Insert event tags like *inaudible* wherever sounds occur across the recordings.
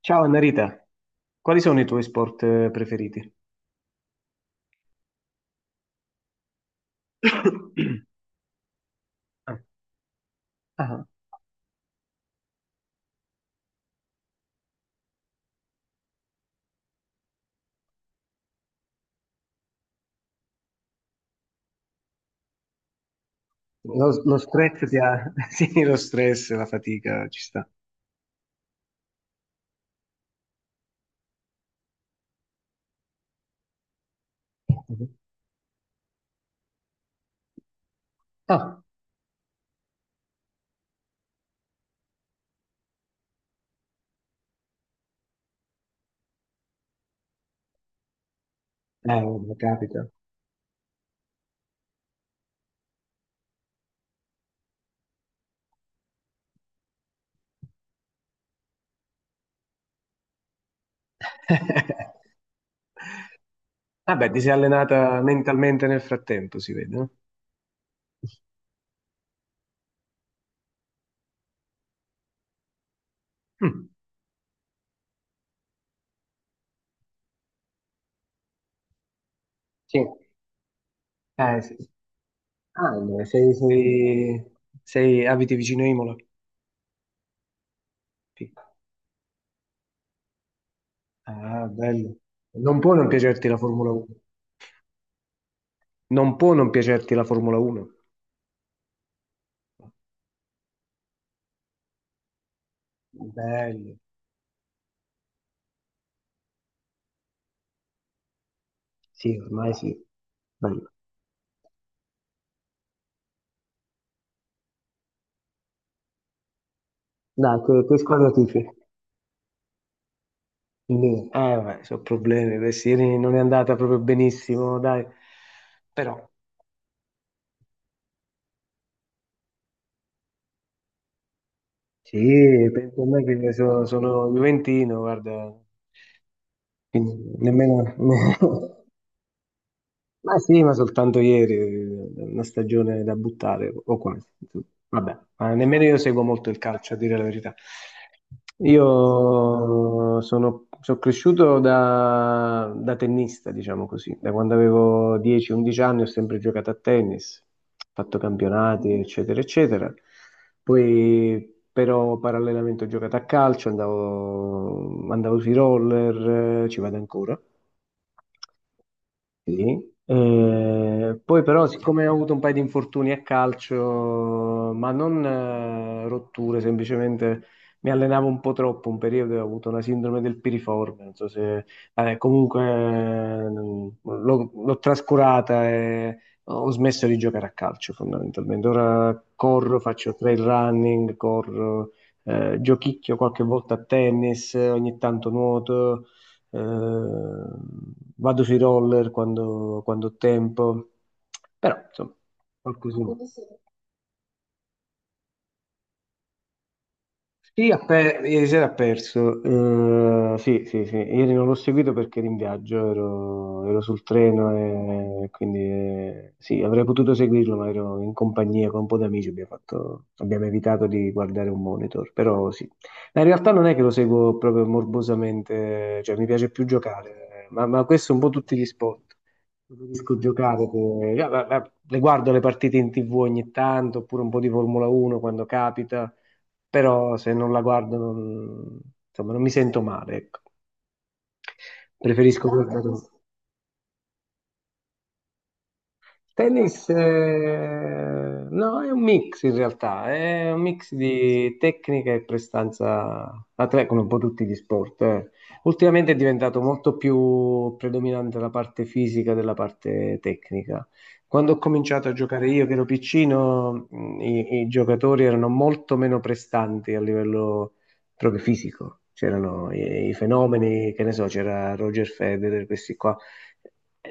Ciao Annarita, quali sono i tuoi sport preferiti? *coughs* *clears throat* Ah, ah. Boh. Lo stress. *laughs* Sì, lo stress, la fatica, ci sta. Mhm. Ah. Vabbè, capita. *laughs* Vabbè, ti sei allenata mentalmente nel frattempo, si vede, no? Mm. Sì. Sì. Sì. Ah, no, abiti vicino a Imola? Sì. Ah, bello. Non può non piacerti la Formula 1. Non può non piacerti la Formula 1. Bello. Sì, ormai sì. Dai, dai, che squadra tifi? Inter. Vabbè, sono problemi. Questi ieri non è andata proprio benissimo, dai. Però, sì, penso a me che sono Juventino, guarda. Quindi, nemmeno. *laughs* Ma sì, ma soltanto ieri, una stagione da buttare, o quasi, insomma. Vabbè, ma nemmeno io seguo molto il calcio, a dire la verità. Io sono cresciuto da tennista, diciamo così. Da quando avevo 10-11 anni ho sempre giocato a tennis, fatto campionati, eccetera, eccetera. Poi però parallelamente ho giocato a calcio, andavo sui roller, ci vado ancora. Sì. Poi però, siccome ho avuto un paio di infortuni a calcio, ma non rotture, semplicemente mi allenavo un po' troppo, un periodo e ho avuto una sindrome del piriforme, non so se. Vabbè, comunque l'ho trascurata e ho smesso di giocare a calcio fondamentalmente. Ora corro, faccio trail running, corro, giochicchio qualche volta a tennis, ogni tanto nuoto eh, vado sui roller quando, quando ho tempo, però insomma, qualcosina. Sì, ha ieri sera ha perso. Sì, sì, sì. Ieri non l'ho seguito perché ero in viaggio, ero sul treno e quindi sì, avrei potuto seguirlo, ma ero in compagnia con un po' di amici, abbiamo evitato di guardare un monitor, però sì. Ma in realtà non è che lo seguo proprio morbosamente, cioè mi piace più giocare, ma questo è un po' tutti gli sport. Preferisco giocare, le guardo le partite in TV ogni tanto, oppure un po' di Formula 1 quando capita, però se non la guardo non, insomma, non mi sento male, ecco. Preferisco guardarlo. Tennis, no, è un mix in realtà, è un mix di tecnica e prestanza atleta, come un po' tutti gli sport. Ultimamente è diventato molto più predominante la parte fisica della parte tecnica. Quando ho cominciato a giocare io, che ero piccino, i giocatori erano molto meno prestanti a livello proprio fisico. C'erano i fenomeni, che ne so, c'era Roger Federer, questi qua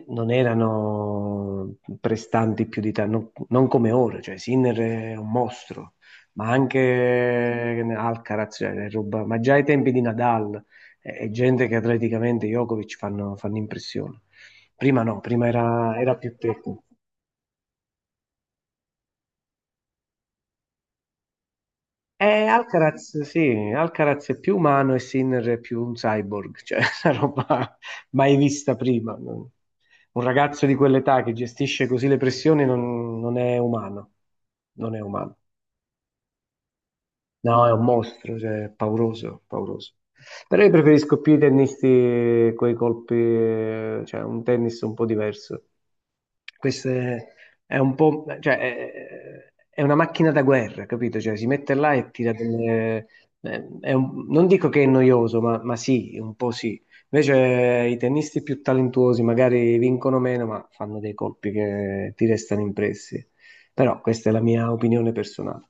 non erano prestanti più di tanto, non come ora, cioè Sinner è un mostro, ma anche Alcaraz, cioè, ma già ai tempi di Nadal è gente che atleticamente Djokovic fanno impressione. Prima no, prima era più tecnico. Alcaraz, sì, Alcaraz è più umano e Sinner è più un cyborg, cioè *laughs* una roba mai vista prima. Un ragazzo di quell'età che gestisce così le pressioni non è umano, non è umano. No, è un mostro, cioè, è pauroso, pauroso. Però io preferisco più i tennisti con i colpi, cioè un tennis un po' diverso. Questo è un po', cioè, è una macchina da guerra, capito? Cioè, si mette là e tira delle. Non dico che è noioso, ma sì, un po' sì. Invece i tennisti più talentuosi magari vincono meno, ma fanno dei colpi che ti restano impressi. Però questa è la mia opinione personale.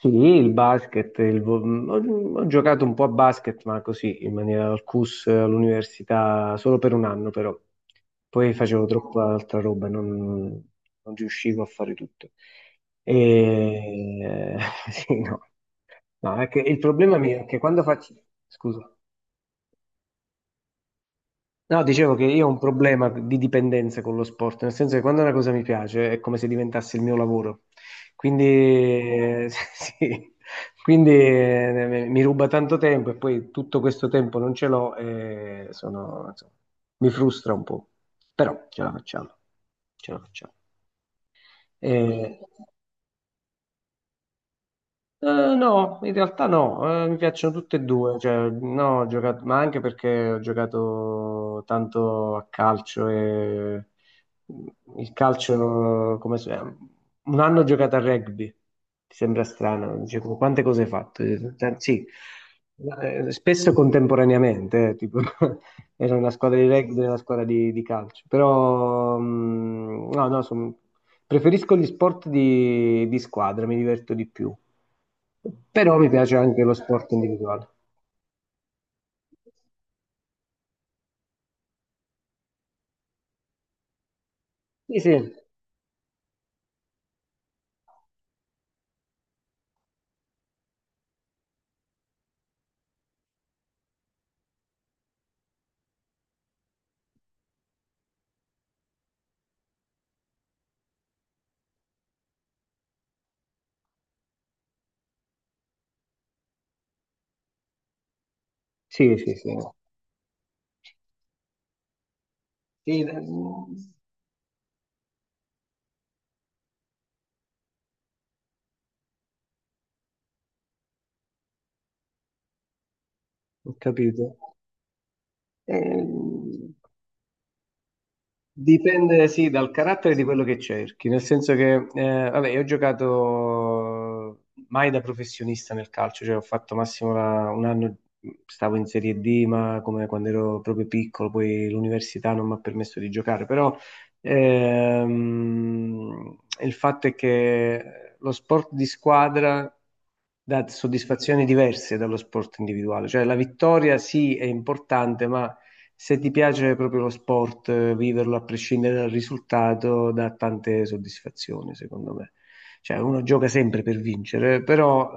Sì, il basket, ho giocato un po' a basket, ma così, in maniera al CUS, all'università, solo per un anno però. Poi facevo troppa altra roba, non riuscivo a fare tutto. E... *laughs* Sì, no. No, è che il problema mio è che quando faccio. Scusa. No, dicevo che io ho un problema di dipendenza con lo sport, nel senso che quando una cosa mi piace è come se diventasse il mio lavoro. Quindi, *laughs* sì, quindi mi ruba tanto tempo e poi tutto questo tempo non ce l'ho e sono, insomma, mi frustra un po'. Però ce la facciamo, ce la facciamo. Eh, Eh, no, in realtà no, mi piacciono tutte e due, cioè, no, ho giocato, ma anche perché ho giocato tanto a calcio e il calcio, come se- un anno ho giocato a rugby, ti sembra strano, dice, quante cose hai fatto? Sì, spesso contemporaneamente, tipo, *laughs* era una squadra di rugby e una squadra di calcio, però no, no, preferisco gli sport di squadra, mi diverto di più. Però mi piace anche lo sport individuale. Sì, sì, sì, sì, sì. Sì, ho capito. Ehm, Dipende, sì, dal carattere di quello che cerchi, nel senso che, vabbè, io ho giocato mai da professionista nel calcio, cioè ho fatto massimo un anno, stavo in Serie D, ma come quando ero proprio piccolo, poi l'università non mi ha permesso di giocare, però il fatto è che lo sport di squadra dà soddisfazioni diverse dallo sport individuale, cioè la vittoria sì è importante, ma se ti piace proprio lo sport, viverlo a prescindere dal risultato dà tante soddisfazioni, secondo me. Cioè, uno gioca sempre per vincere, però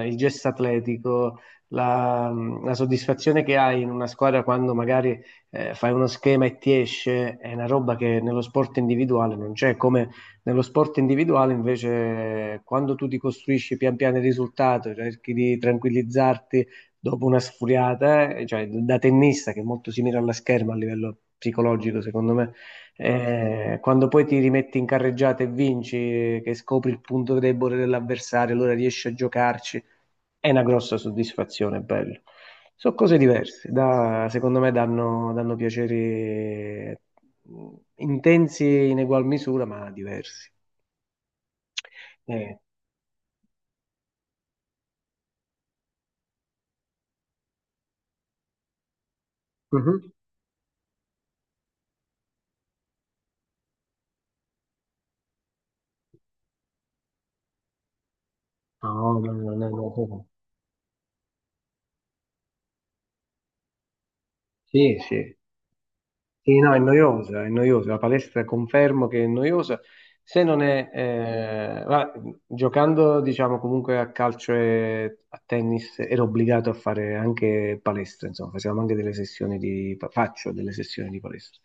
il gesto atletico, la, la soddisfazione che hai in una squadra quando magari fai uno schema e ti esce, è una roba che nello sport individuale non c'è, come nello sport individuale invece quando tu ti costruisci pian piano il risultato, cerchi di tranquillizzarti dopo una sfuriata, cioè da tennista che è molto simile alla scherma a livello psicologico, secondo me, quando poi ti rimetti in carreggiata e vinci, che scopri il punto debole dell'avversario, allora riesci a giocarci, è una grossa soddisfazione, è bello. Sono cose diverse, secondo me danno piaceri intensi in egual misura, ma diversi. Eh, mhm. No, no, no, no, no, no. Sì, sì. Sì, no, è noiosa, la palestra confermo che è noiosa, se non è, giocando diciamo comunque a calcio e a tennis ero obbligato a fare anche palestra, insomma, facevamo anche delle sessioni di, faccio delle sessioni di palestra.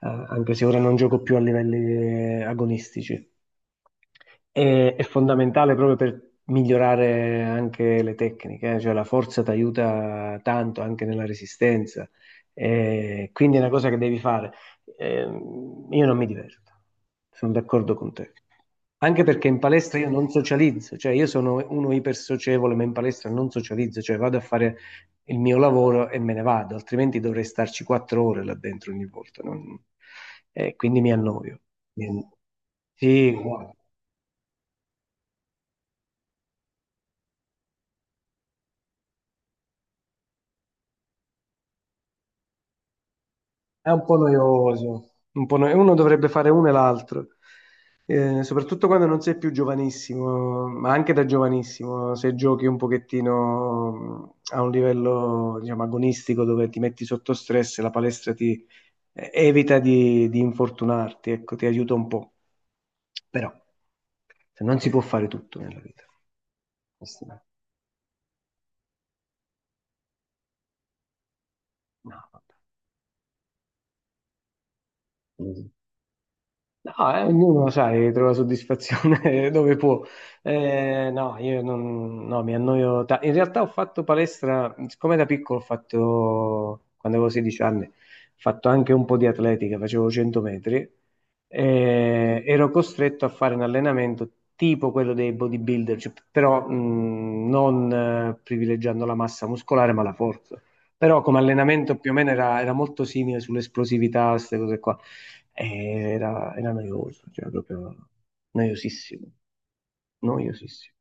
Anche se ora non gioco più a livelli agonistici. È fondamentale proprio per migliorare anche le tecniche, cioè la forza ti aiuta tanto anche nella resistenza, quindi è una cosa che devi fare. Io non mi diverto, sono d'accordo con te. Anche perché in palestra io non socializzo, cioè io sono uno ipersocievole, ma in palestra non socializzo, cioè vado a fare il mio lavoro e me ne vado, altrimenti dovrei starci 4 ore là dentro ogni volta. Quindi mi annoio. Mi an- Sì, guarda. È un po' noioso, un po' noioso. Uno dovrebbe fare uno e l'altro, soprattutto quando non sei più giovanissimo, ma anche da giovanissimo, se giochi un pochettino a un livello, diciamo, agonistico dove ti metti sotto stress, la palestra ti evita di infortunarti, ecco, ti aiuta un po'. Però se non si può fare tutto nella vita. Questo- è- No, vabbè. No, ognuno, sai, trova soddisfazione *laughs* dove può. No, io non, no, mi annoio. In realtà ho fatto palestra, siccome da piccolo ho fatto, quando avevo 16 anni, ho fatto anche un po' di atletica, facevo 100 metri, ero costretto a fare un allenamento tipo quello dei bodybuilder, cioè, però non privilegiando la massa muscolare, ma la forza. Però come allenamento più o meno era molto simile sull'esplosività, queste cose qua. Era noioso, cioè proprio noiosissimo, noiosissimo.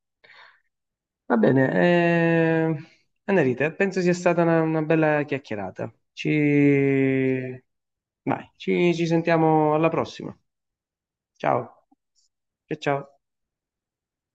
Va bene, Annalita, penso sia stata una bella chiacchierata. Vai, ci sentiamo alla prossima. Ciao, ciao ciao.